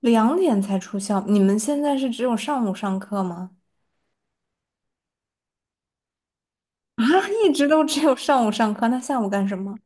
两点才出校，你们现在是只有上午上课吗？啊，一直都只有上午上课，那下午干什么？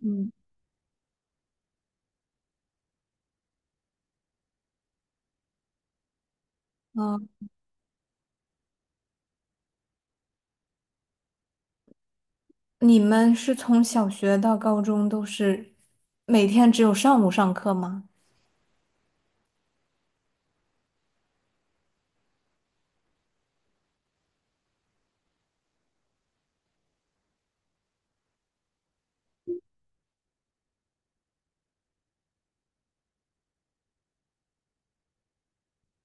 嗯，啊，你们是从小学到高中都是每天只有上午上课吗？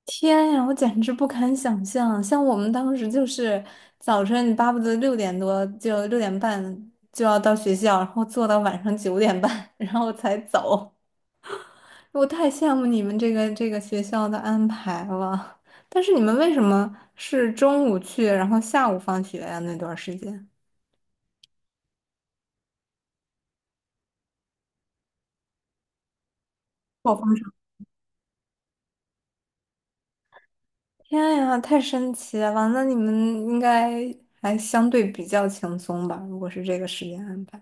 天呀，我简直不敢想象，像我们当时就是早晨你巴不得6点多就6点半就要到学校，然后坐到晚上9点半，然后才走。我太羡慕你们这个学校的安排了。但是你们为什么是中午去，然后下午放学呀？那段时间，我放上。天呀，太神奇了！那你们应该还相对比较轻松吧？如果是这个时间安排，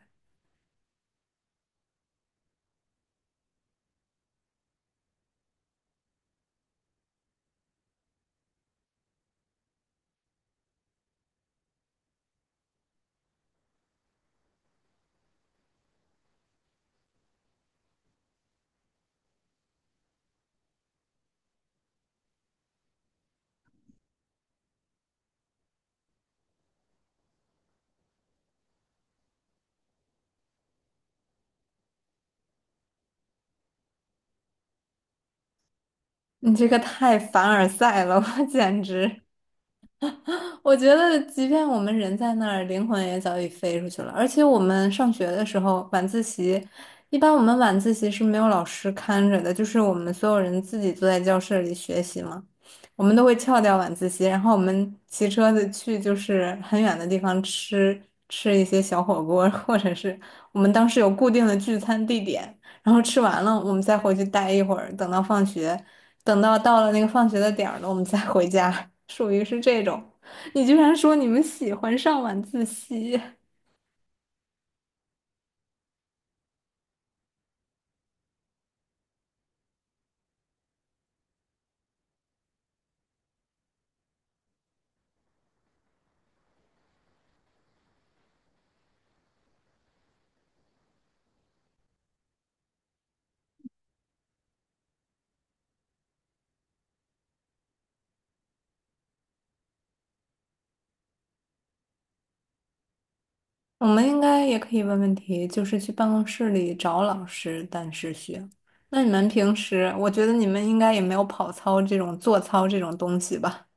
你这个太凡尔赛了，我简直。我觉得，即便我们人在那儿，灵魂也早已飞出去了。而且我们上学的时候，晚自习，一般我们晚自习是没有老师看着的，就是我们所有人自己坐在教室里学习嘛。我们都会翘掉晚自习，然后我们骑车子去就是很远的地方吃一些小火锅，或者是我们当时有固定的聚餐地点，然后吃完了我们再回去待一会儿，等到放学，等到到了那个放学的点儿了，我们再回家，属于是这种。你居然说你们喜欢上晚自习，我们应该也可以问问题，就是去办公室里找老师，但是学。那你们平时，我觉得你们应该也没有跑操这种做操这种东西吧？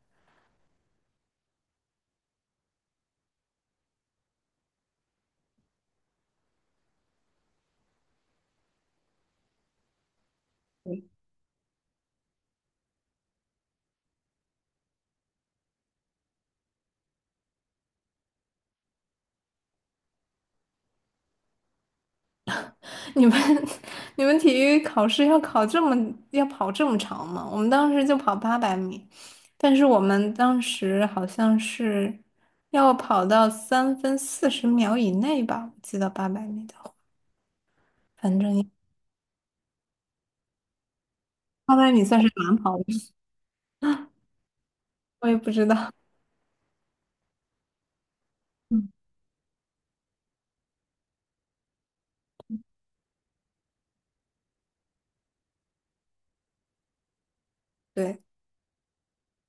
你们 你们体育考试要考这么要跑这么长吗？我们当时就跑八百米，但是我们当时好像是要跑到3分40秒以内吧，我记得八百米的话，反正八百米算是短跑。我也不知道。嗯，对，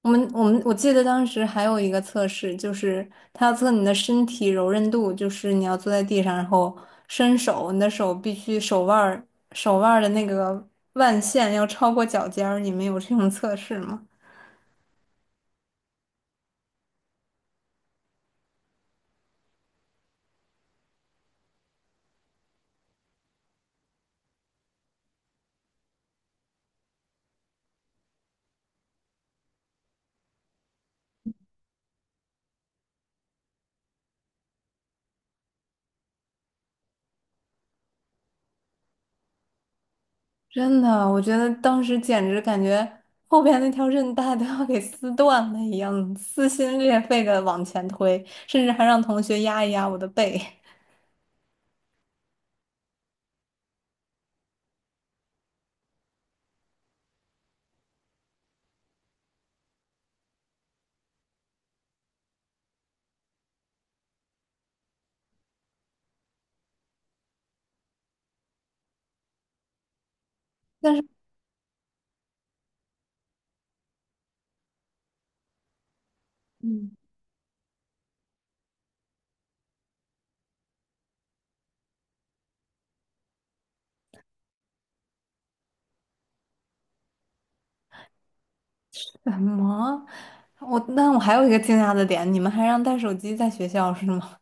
我们我记得当时还有一个测试，就是他要测你的身体柔韧度，就是你要坐在地上，然后伸手，你的手必须手腕儿的那个腕线要超过脚尖儿。你们有这种测试吗？真的，我觉得当时简直感觉后边那条韧带都要给撕断了一样，撕心裂肺的往前推，甚至还让同学压一压我的背。但是。嗯。什么？那我还有一个惊讶的点，你们还让带手机在学校是吗？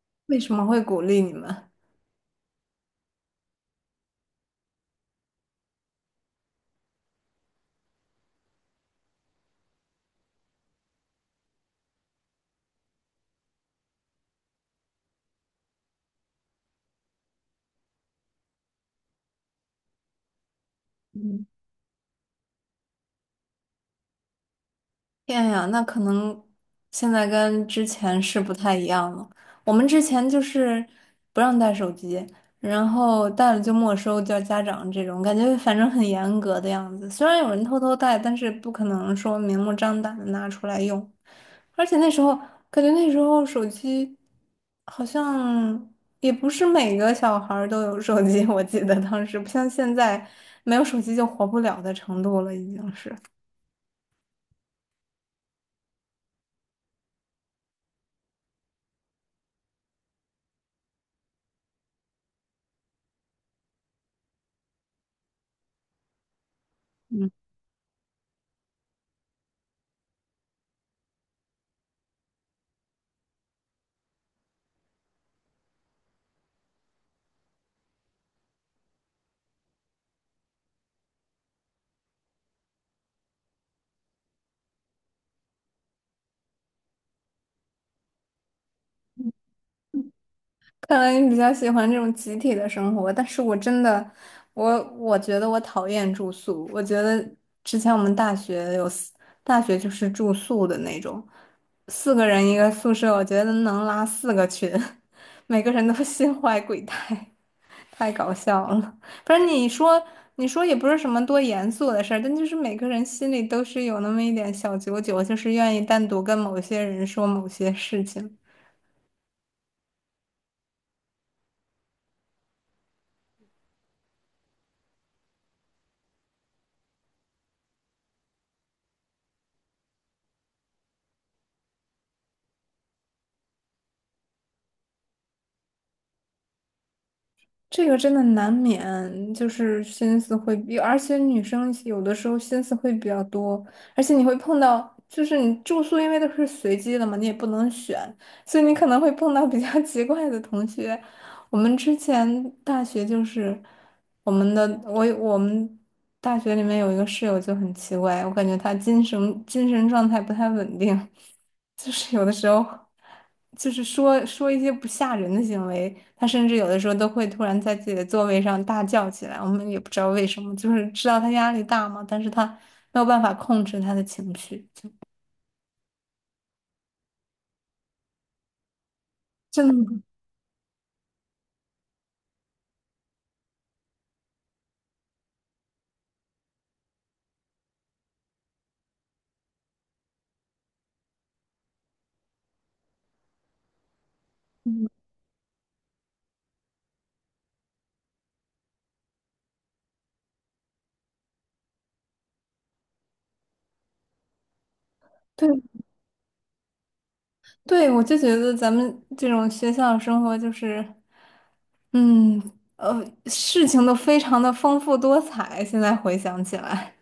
为什么会鼓励你们？天呀，那可能现在跟之前是不太一样了。我们之前就是不让带手机，然后带了就没收，叫家长这种，感觉反正很严格的样子。虽然有人偷偷带，但是不可能说明目张胆的拿出来用。而且那时候感觉那时候手机好像也不是每个小孩儿都有手机，我记得当时不像现在没有手机就活不了的程度了，已经是。嗯。看来你比较喜欢这种集体的生活，但是我真的，我觉得我讨厌住宿。我觉得之前我们大学有四，大学就是住宿的那种，四个人一个宿舍，我觉得能拉四个群，每个人都 心怀鬼胎，太搞笑了。不是你说，你说也不是什么多严肃的事儿，但就是每个人心里都是有那么一点小九九，就是愿意单独跟某些人说某些事情。这个真的难免，就是心思会比，而且女生有的时候心思会比较多，而且你会碰到，就是你住宿因为都是随机的嘛，你也不能选，所以你可能会碰到比较 奇怪的同学。我们之前大学就是我们大学里面有一个室友就很奇怪，我感觉他精神状态不太稳定，就是有的时候。就是说说一些不吓人的行为，他甚至有的时候都会突然在自己的座位上大叫起来，我们也不知道为什么，就是知道他压力大嘛，但是他没有办法控制他的情绪，就真的吗对对，我就觉得咱们这种学校生活就是，嗯呃，事情都非常的丰富多彩，现在回想起来。